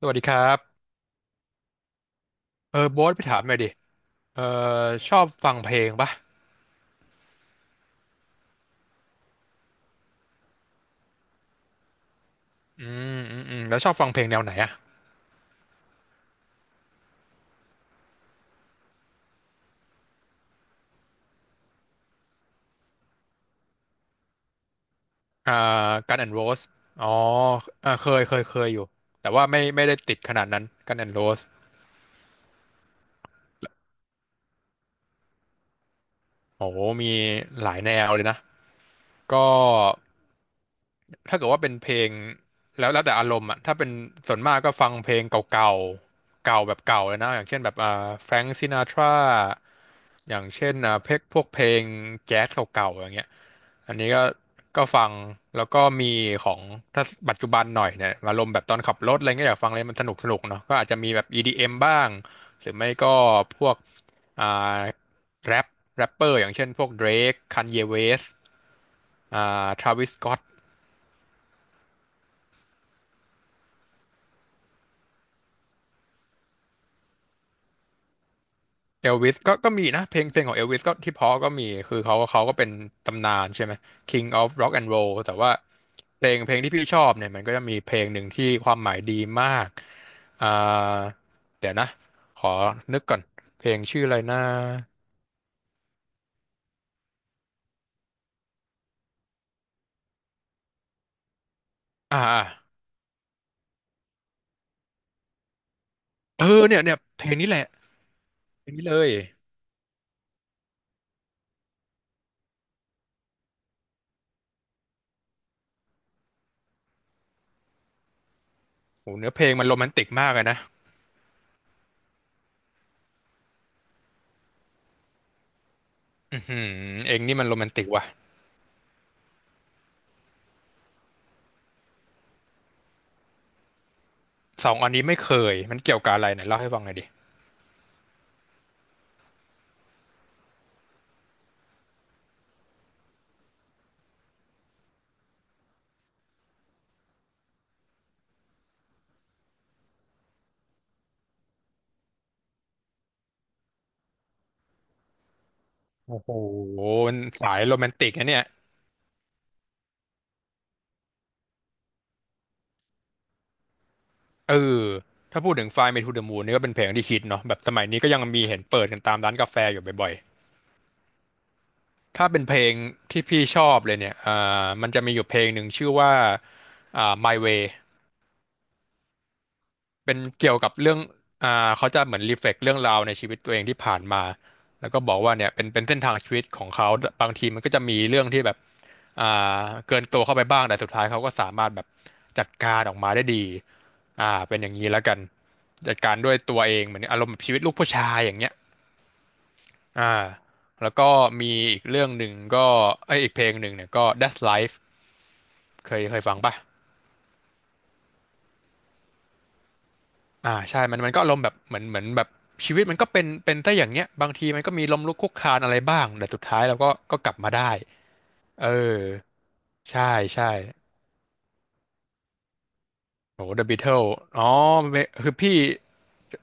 สวัสดีครับ เออโบ๊ทไปถามหน่อยดิ เออชอบฟังเพลงปะอืแล้วชอบฟังเพลงแนวไหนอ่ะอ่ากันแอนด์โรสอ๋อเออเคย เคยอยู่ แต่ว่าไม่ ไม่ได้ติดขนาดนั้น กันแอนด์โรส โอ้โหมีหลายแนวเลยนะ ก็ ถ้าเกิดว่าเป็นเพลงแล้วแต่อารมณ์อ่ะถ้าเป็นส่วนมากก็ฟังเพลงเก่าๆเก่าแบบเก่าเลยนะอย่างเช่นแบบแฟรงซินาทราอย่างเช่นเพลงพวกเพลงแจ๊สเก่าๆอย่างเงี้ยอันนี้ก็ฟังแล้วก็มีของถ้าปัจจุบันหน่อยเนี่ยอารมณ์แบบตอนขับรถอะไรเงี้ยอยากฟังอะไรมันสนุกสนุกเนาะก็อาจจะมีแบบ EDM บ้างหรือไม่ก็พวกอ่าแรปเปอร์อย่างเช่นพวก Drake Kanye West Travis Scott เอลวิสก็มีนะเพลงของเอลวิสก็ที่เพอก็มีคือเขาก็เป็นตำนานใช่ไหม King of Rock and Roll แต่ว่าเพลงที่พี่ชอบเนี่ยมันก็จะมีเพลงหนึ่งที่ความหมายดีมากอ่าเดี๋ยวนะขอนึกก่อนเพลงชื่ออะไรนะอ่าอ่าเออเนี่ยเพลงนี้แหละเพลงนี้เลยโหเนื้อเพลงมันโรแมนติกมากเลยนะอือหือเองนี่มันโรแมนติกว่ะสองอันนี้ไม่เคยมันเกี่ยวกับอะไรไหนเล่าให้ฟังหน่อยดิโอ้โหมันสายโรแมนติกนะเนี่ย เออถ้าพูดถึง Fly Me to the Moon นี่ก็เป็นเพลงที่คิดเนาะแบบสมัยนี้ก็ยังมีเห็นเปิดกันตามร้านกาแฟอยู่บ่อยๆถ้าเป็นเพลงที่พี่ชอบเลยเนี่ยมันจะมีอยู่เพลงหนึ่งชื่อว่าMy Way เป็นเกี่ยวกับเรื่องเขาจะเหมือนรีเฟล็กเรื่องราวในชีวิตตัวเองที่ผ่านมาแล้วก็บอกว่าเนี่ยเป็นเส้นทางชีวิตของเขาบางทีมันก็จะมีเรื่องที่แบบอ่าเกินตัวเข้าไปบ้าง แต่สุดท้ายเขาก็สามารถแบบจัดการออกมาได้ดีเป็นอย่างนี้แล้วกันจัดการด้วยตัวเองเหมือนอารมณ์แบบชีวิตลูกผู้ชายอย่างเงี้ยอ่าแล้วก็มีอีกเรื่องหนึ่งก็เอยอีกเพลงหนึ่งเนี่ยก็ That's Life เคยฟังป่ะ ใช่มันก็อารมณ์แบบเหมือนแบบชีวิตมันก็เป็นแต่อย่างเงี้ยบางทีมันก็มีล้มลุกคลุกคลานอะไรบ้างแต่สุดท้ายเราก็กลับมาได้เออใช่ใช่โอ้ The Beatles อ๋อไม่คือพี่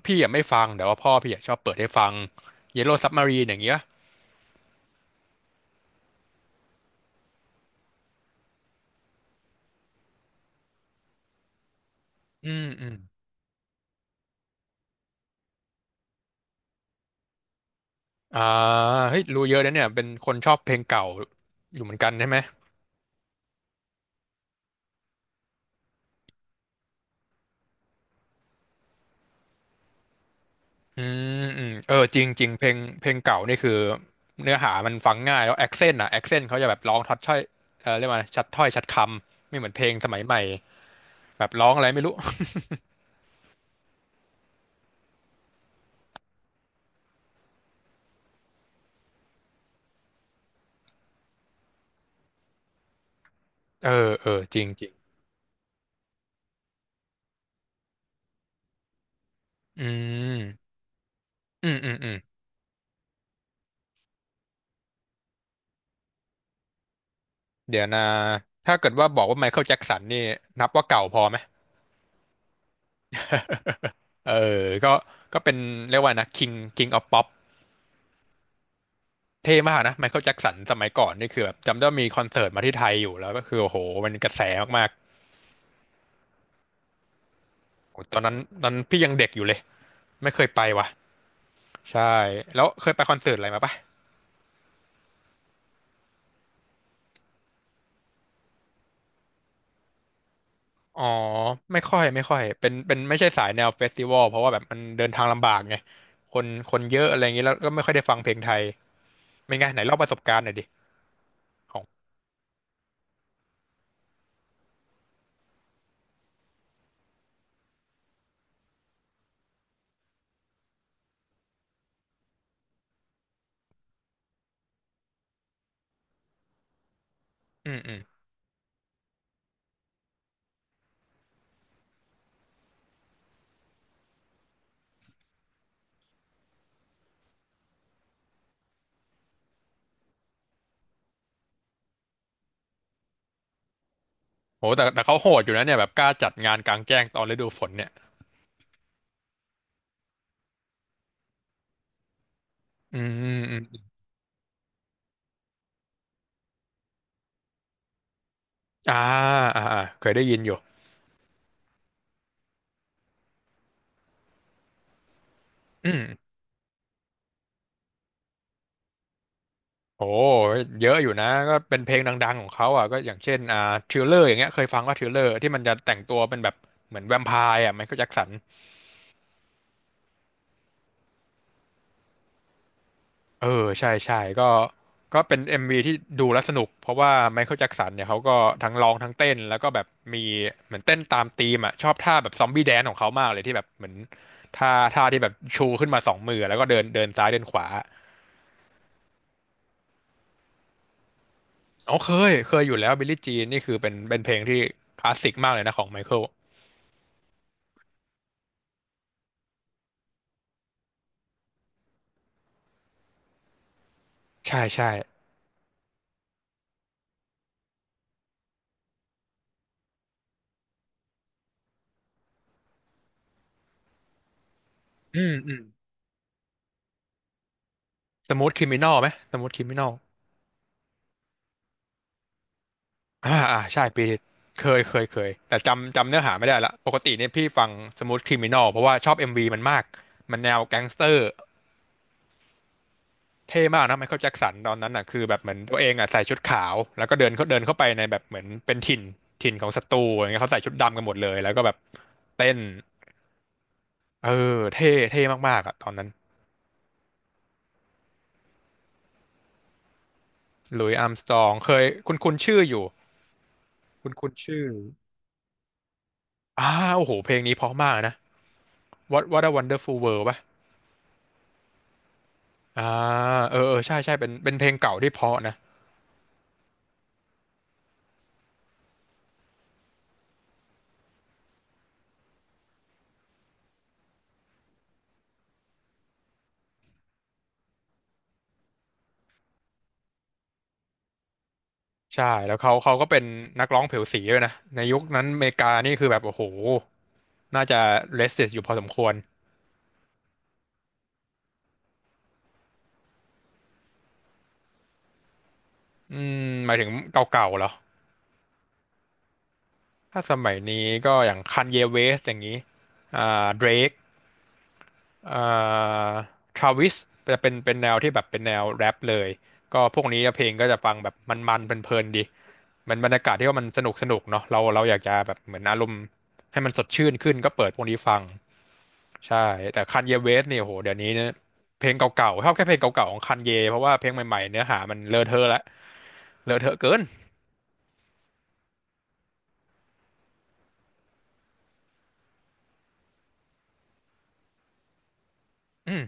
อ่ะไม่ฟังแต่ว่าพ่อพี่อ่ะชอบเปิดให้ฟัง Yellow Submarine อย่างเงี้ยอืมอืมอ่าเฮ้ยรู้เยอะนะเนี่ยเป็นคนชอบเพลงเก่าอยู่เหมือนกันใช่ไหม อืมอืมเออจริงจริงเพลงเก่านี่คือเนื้อหามันฟังง่ายแล้วแอคเซนต์อ่ะแอคเซนต์เขาจะแบบร้องทัดถ้อยเออเรียกว่าชัดถ้อยชัดคำไม่เหมือนเพลงสมัยใหม่แบบร้องอะไรไม่รู้ เออเออจริงจริงอืมอืมอืมอืมเดี๋ยวนะถ้าเกิดว่าบอกว่าไมเคิลแจ็คสันนี่นับว่าเก่าพอไหม เออก็เป็นเรียกว่านะ King of Pop เท่มากนะไมเคิลแจ็คสันสมัยก่อนนี่คือแบบจำได้ว่ามีคอนเสิร์ตมาที่ไทยอยู่แล้วก็คือโอ้โหมันกระแสมาก โอ้ตอนนั้นพี่ยังเด็กอยู่เลยไม่เคยไปว่ะใช่แล้วเคยไปคอนเสิร์ตอะไรมาปะอ๋อไม่ค่อยเป็นไม่ใช่สายแนวเฟสติวัลเพราะว่าแบบมันเดินทางลำบากไงคนเยอะอะไรอย่างนี้แล้วก็ไม่ค่อยได้ฟังเพลงไทยเป็นไงไหนเล่าประสบการณ์หน่อยดิของอืมอืมโหแต่เขาโหดอยู่นะเนี่ยแบบกล้าจัดงานกลางแจ้งตอนฤดูฝนเนี่ยอืมอืมอมอ่าอ่าเคยได้ยินอยู่อืม โอ้เยอะอยู่นะก็เป็นเพลงดังๆของเขาอ่ะก็อย่างเช่นทริลเลอร์อย่างเงี้ยเคยฟังว่าทริลเลอร์ที่มันจะแต่งตัวเป็นแบบเหมือนแวมไพร์อ่ะไมเคิลแจ็คสันเออใช่ใช่ก็เป็น MV ที่ดูแล้วสนุกเพราะว่าไมเคิลแจ็คสันเนี่ยเขาก็ทั้งร้องทั้งเต้นแล้วก็แบบมีเหมือนเต้นตามธีมอ่ะชอบท่าแบบซอมบี้แดนของเขามากเลยที่แบบเหมือนท่าที่แบบชูขึ้นมาสองมือแล้วก็เดินเดินซ้ายเดินขวาอ๋อเคยอยู่แล้วบิลลี่จีนนี่คือเป็นเพลงที่คลาสสิกมากเลยนะของไมเคิลใช่ใช่อืมอืม สมูทคริมินอลไหมสมูทคริมินอลอ่าอ่าใช่ปีเคยแต่จำเนื้อหาไม่ได้ละปกติเนี่ยพี่ฟังสมูทคริมินอลเพราะว่าชอบเอ็มวีมันมากมันแนวแก๊งสเตอร์เท่มากนะไมเคิลแจ็คสันตอนนั้นอ่ะคือแบบเหมือนตัวเองอ่ะใส่ชุดขาวแล้วก็เดินเขาเดินเข้าไปในแบบเหมือนเป็นถิ่นถิ่นของศัตรูอย่างเงี้ยเขาใส่ชุดดำกันหมดเลยแล้วก็แบบเต้นเออเท่เท่มากๆอ่ะตอนนั้นหลุยส์อาร์มสตรองเคยคุณชื่ออยู่คุณชื่ออ่าโอ้โหเพลงนี้เพราะมากนะ What a Wonderful World ปะ อ่าเออเออใช่ใช่เป็นเพลงเก่าที่เพราะนะใช่แล้วเขาก็เป็นนักร้องผิวสีด้วยนะในยุคนั้นอเมริกานี่คือแบบโอ้โหน่าจะเลสเซสอยู่พอสมควรอืมหมายถึงเก่าๆเหรอถ้าสมัยนี้ก็อย่างคันเยเวสอย่างนี้อ่าเดรกอ่าทราวิสจะเป็นแนวที่แบบเป็นแนวแรปเลยก็พวกนี้เพลงก็จะฟังแบบมันๆเพลินๆดีมันบรรยากาศที่ว่ามันสนุกสนุกเนาะเราอยากจะแบบเหมือนอารมณ์ให้มันสดชื่นขึ้นก็เปิดพวกนี้ฟัง ใช่แต่คันเยเวสเนี่ยโหเดี๋ยวนี้เนี่ยเพลงเก่าๆชอบแค่เพลงเก่าๆของคันเยเพราะว่าเพลงใหม่ๆเนื้อหามันเลอะเทอะละเลอะเทอะเกินอืม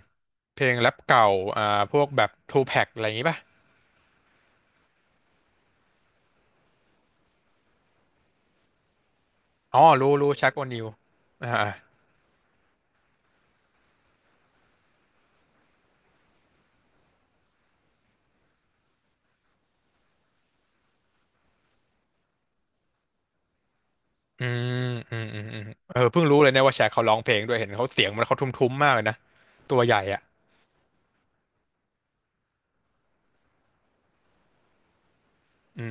เพลงแรปเก่าอ่าพวกแบบทูแพ็กอะไรอย่างงี้ป่ะอ๋อรู้ชักโอนิวอ่าอืมอืมอืมอืมเออเพิ่งรู้เลยเนี่ยว่าแชกเขาร้องเพลงด้วยเห็นเขาเสียงมันเขาทุ้มๆมากเลยนะตัวใหญ่อ่ะอื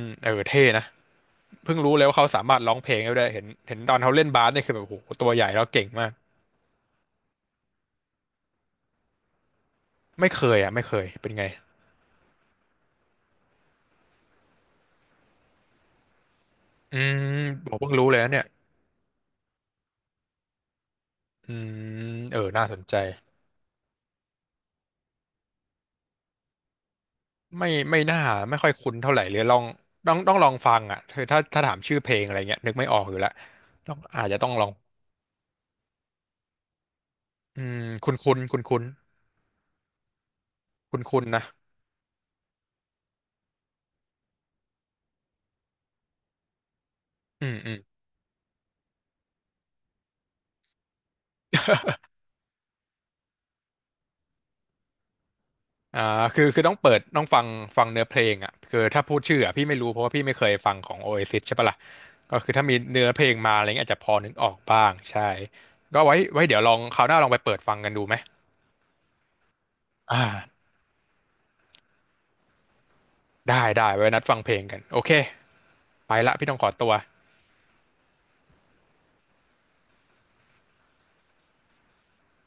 มเออเท่นะเพิ่งรู้เลยว่าเขาสามารถร้องเพลงได้ด้วยเห็นตอนเขาเล่นบาสเนี่ยคือแบบโหตัวใหญ่แล้วเก่งมากไม่เคยอ่ะไม่เคยเป็นไง อืมผมเพิ่งรู้เลยนะเนี่ยอืมเออน่าสนใจไม่น่าไม่ค่อยคุ้นเท่าไหร่เลยลองต้องลองฟังอ่ะคือถ้าถามชื่อเพลงอะไรเงี้ยนึกไม่ออกอยู่แล้วต้องอาจจะต้องลองอืมคุ้นคุ้นคุ้นคุ้นคุ้นคุ้นๆนะอืมอืมอ่าคือต้องเปิดต้องฟังฟังเนื้อเพลงอ่ะคือถ้าพูดชื่ออ่ะพี่ไม่รู้เพราะว่าพี่ไม่เคยฟังของ Oasis ใช่ปะล่ะก็คือถ้ามีเนื้อเพลงมาอะไรเงี้ยอาจจะพอนึกออกบ้างใช่ก็ไว้เดี๋ยวลองคราวหน้าลองไปเปิดฟังกันดูไหมอ่าได้ไว้นัดฟังเพลงกันโอเค ไปละพี่ต้องขอตัว